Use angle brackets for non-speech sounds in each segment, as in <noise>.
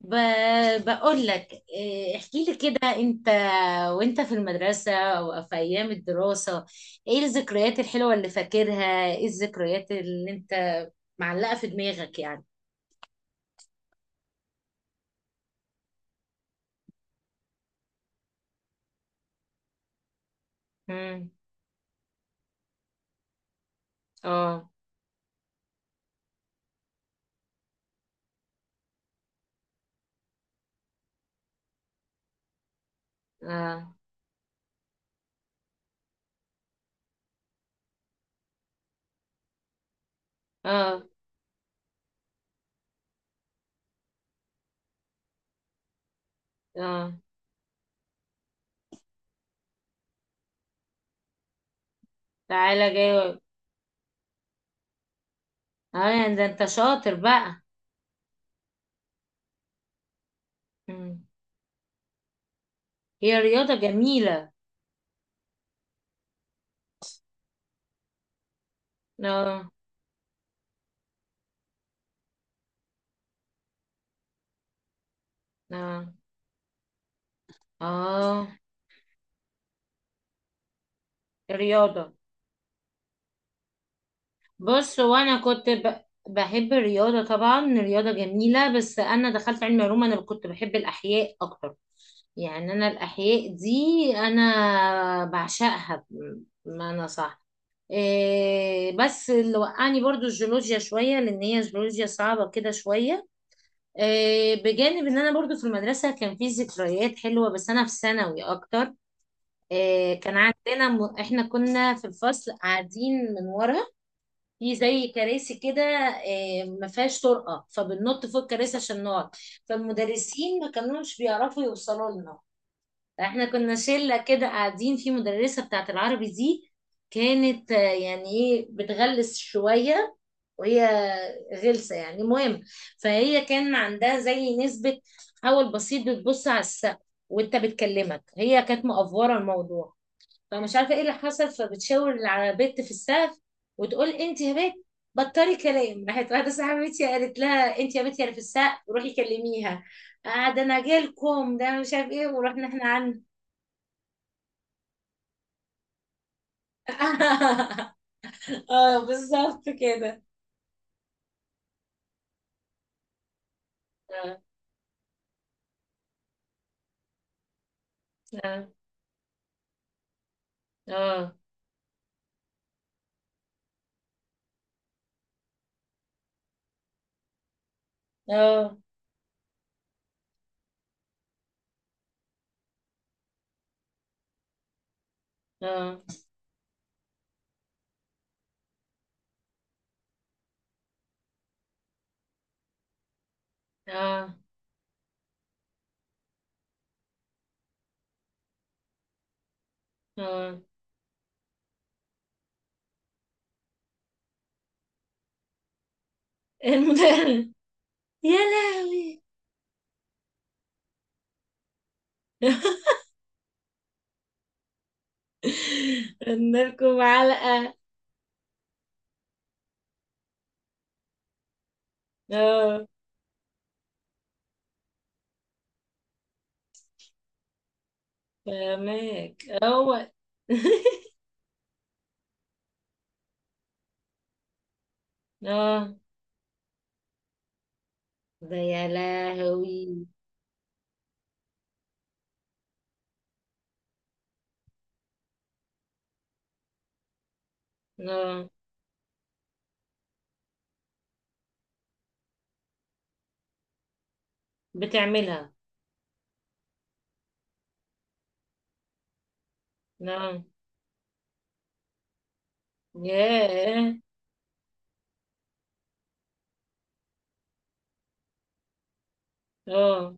ب... بقول لك إيه، احكي لي كده انت وانت في المدرسة او في ايام الدراسة، ايه الذكريات الحلوة اللي فاكرها، ايه الذكريات اللي انت معلقة في دماغك يعني. امم اه. اه. اه. اه. تعالى جاي. اه ده انت شاطر بقى. مم. هي رياضة جميلة. اه. اه. اه. رياضة. بص وانا كنت ب... بحب الرياضه طبعا، الرياضه جميله، بس انا دخلت علم علوم، انا كنت بحب الاحياء اكتر. يعني انا الاحياء دي انا بعشقها، بمعنى صح. إيه بس اللي وقعني برضو الجيولوجيا شويه، لان هي جيولوجيا صعبه كده شويه. إيه بجانب ان انا برضو في المدرسه كان في ذكريات حلوه، بس انا في ثانوي اكتر. إيه كان عندنا احنا كنا في الفصل قاعدين من ورا في زي كراسي كده، ما فيهاش طرقه، فبننط فوق الكراسي عشان نقعد، فالمدرسين ما كانوش بيعرفوا يوصلوا لنا. احنا كنا شله كده قاعدين في مدرسه بتاعت العربي دي، كانت يعني ايه، بتغلس شويه، وهي غلسه يعني، المهم فهي كان عندها زي نسبه حول بسيط، بتبص على السقف وانت بتكلمك، هي كانت مقفوره الموضوع، فمش عارفه ايه اللي حصل، فبتشاور على بنت في السقف وتقول انت يا بنت بطلي كلام. راحت واحده صاحبتي قالت لها انت يا بنت اللي في السقف روحي كلميها. آه ده انا جالكم ده مش عارف ايه، ورحنا احنا عنه. <laughs> اه بالظبط كده. اه. اه. اه. اه. اه. اه. اه. المدرب. يا لهوي. <laughs> ادنالكم علقة. اه فاهمك هو. <laughs> اه. ده يا لهوي. اه بتعملها. اه ياه. اه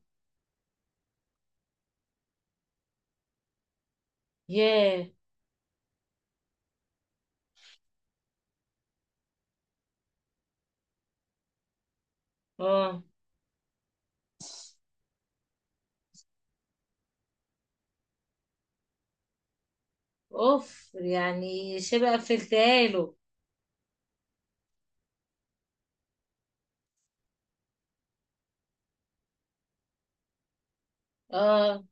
ياه. اه اوف، يعني شبه قفلتها له. اه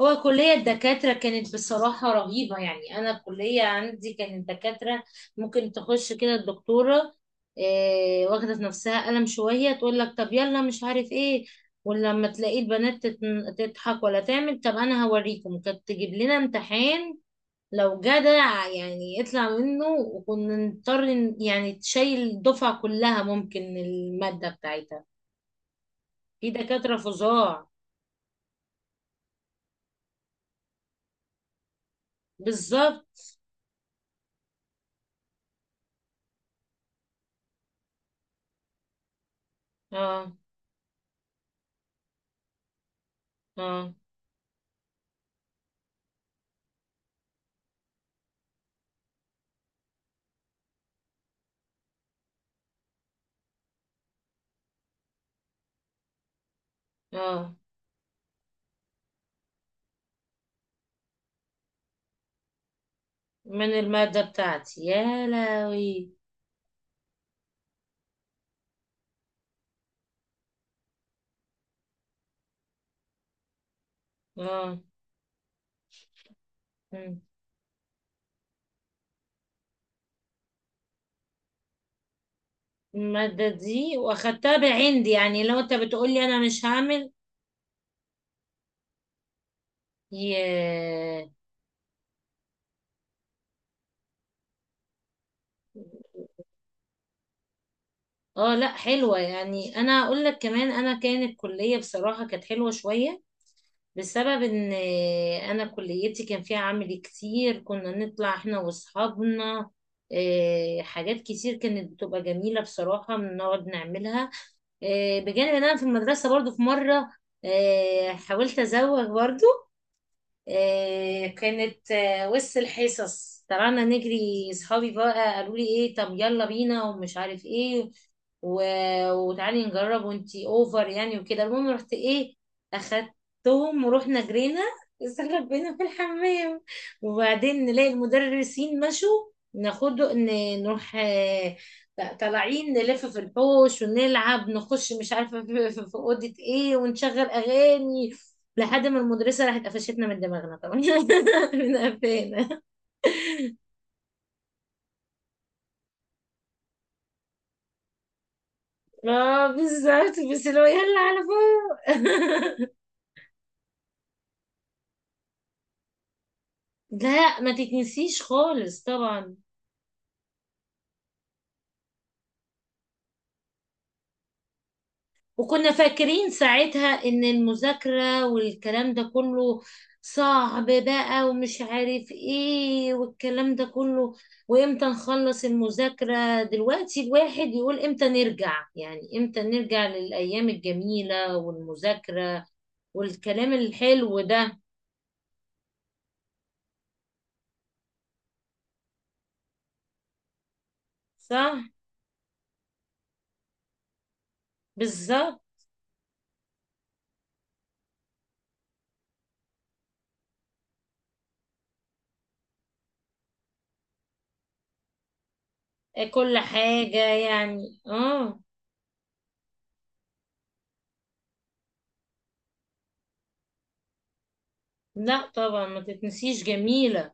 هو كلية الدكاترة كانت بصراحة رهيبة، يعني أنا الكلية عندي كانت دكاترة ممكن تخش كده الدكتورة إيه واخدة في نفسها قلم شوية تقول لك طب يلا مش عارف ايه، ولما تلاقي البنات تضحك ولا تعمل طب أنا هوريكم، كانت تجيب لنا امتحان لو جدع يعني يطلع منه، وكنا نضطر يعني تشيل الدفعة كلها ممكن المادة بتاعتها. في دكاترة فظاع. بالظبط. اه. اه. اه من المادة بتاعتي يا لهوي. اه. مم. المادة دي واخدتها بعندي يعني، لو انت بتقولي انا مش هعمل. ياه. اه لا حلوة، يعني انا اقول لك كمان انا كانت كلية بصراحة كانت حلوة شوية، بسبب ان انا كليتي كان فيها عمل كتير، كنا نطلع احنا واصحابنا إيه، حاجات كتير كانت بتبقى جميلة بصراحة بنقعد نعملها. إيه، بجانب ان انا في المدرسة برضو في مرة إيه، حاولت ازوغ برضو. كانت وسط الحصص طلعنا نجري، صحابي بقى قالوا لي ايه طب يلا بينا ومش عارف ايه و... وتعالي نجرب وانتي اوفر يعني وكده، المهم رحت ايه اخدتهم ورحنا جرينا، استخبينا في الحمام وبعدين نلاقي المدرسين مشوا، ناخد نروح طالعين نلف في الحوش ونلعب نخش مش عارفه في في اوضه ايه ونشغل اغاني، لحد ما المدرسة راحت قفشتنا من دماغنا طبعا <laughs> من قفانا. اه بالظبط بس لو يلا على فوق. <laughs> لا ما تتنسيش خالص طبعا. وكنا فاكرين ساعتها ان المذاكرة والكلام ده كله صعب بقى ومش عارف ايه والكلام ده كله، وامتى نخلص المذاكرة. دلوقتي الواحد يقول امتى نرجع، يعني امتى نرجع للأيام الجميلة والمذاكرة والكلام الحلو ده. صح. بالظبط. كل حاجة يعني اه. لا طبعا ما تتنسيش، جميلة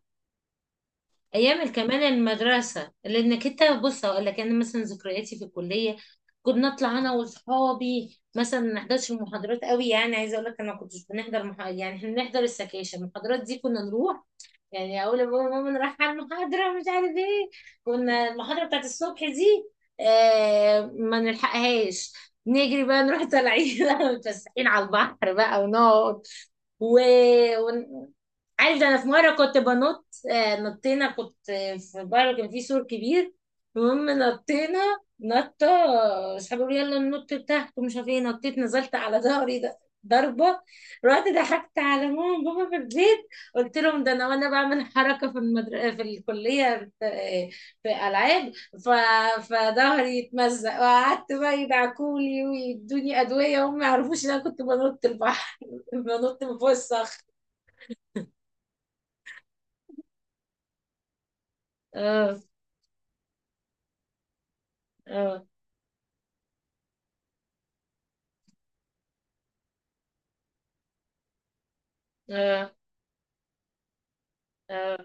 ايام كمان المدرسة، لانك انت بص هقول لك انا مثلا ذكرياتي في الكلية كنا نطلع انا واصحابي مثلا ما نحضرش المحاضرات قوي، يعني عايزه اقول لك انا ما كنتش بنحضر يعني احنا بنحضر السكاشن، المحاضرات دي كنا نروح، يعني اقول لبابا ماما انا رايحه المحاضره مش عارف ايه، كنا المحاضره بتاعت الصبح دي آه ما نلحقهاش، نجري بقى نروح طالعين <laughs> متفسحين على البحر بقى ونقعد و... و... عارف ده انا في مره كنت بنط، نطينا، كنت في بره كان في سور كبير، المهم نطينا نطه، اصحابي يقولوا يلا ننط تحت ومش عارف ايه، نطيت نزلت على ظهري ده ضربه، رحت ضحكت على ماما وبابا في البيت قلت لهم ده انا وانا بعمل حركه في الكليه في, في العاب ف... فظهري اتمزق وقعدت بقى يدعكولي ويدوني ادويه، وهم ما يعرفوش ان انا كنت بنط البحر، بنط من فوق الصخر. اه. اه. اه. اه.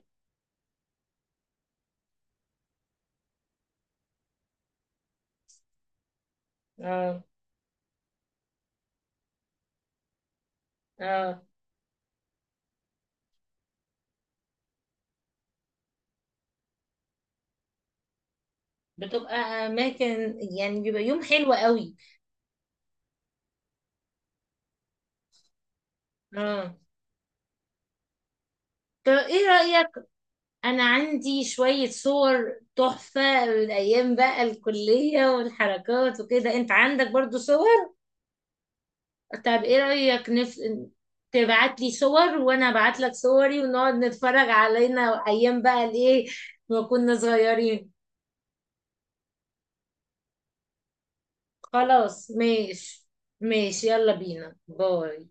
اه. اه. بتبقى اماكن يعني بيبقى يوم حلو قوي. اه طب ايه رأيك، انا عندي شوية صور تحفة من ايام بقى الكلية والحركات وكده، انت عندك برضو صور؟ طب ايه رأيك تبعت لي صور وانا ابعت لك صوري ونقعد نتفرج علينا ايام بقى الايه ما كنا صغيرين. خلاص ماشي. ماشي يلا بينا باي.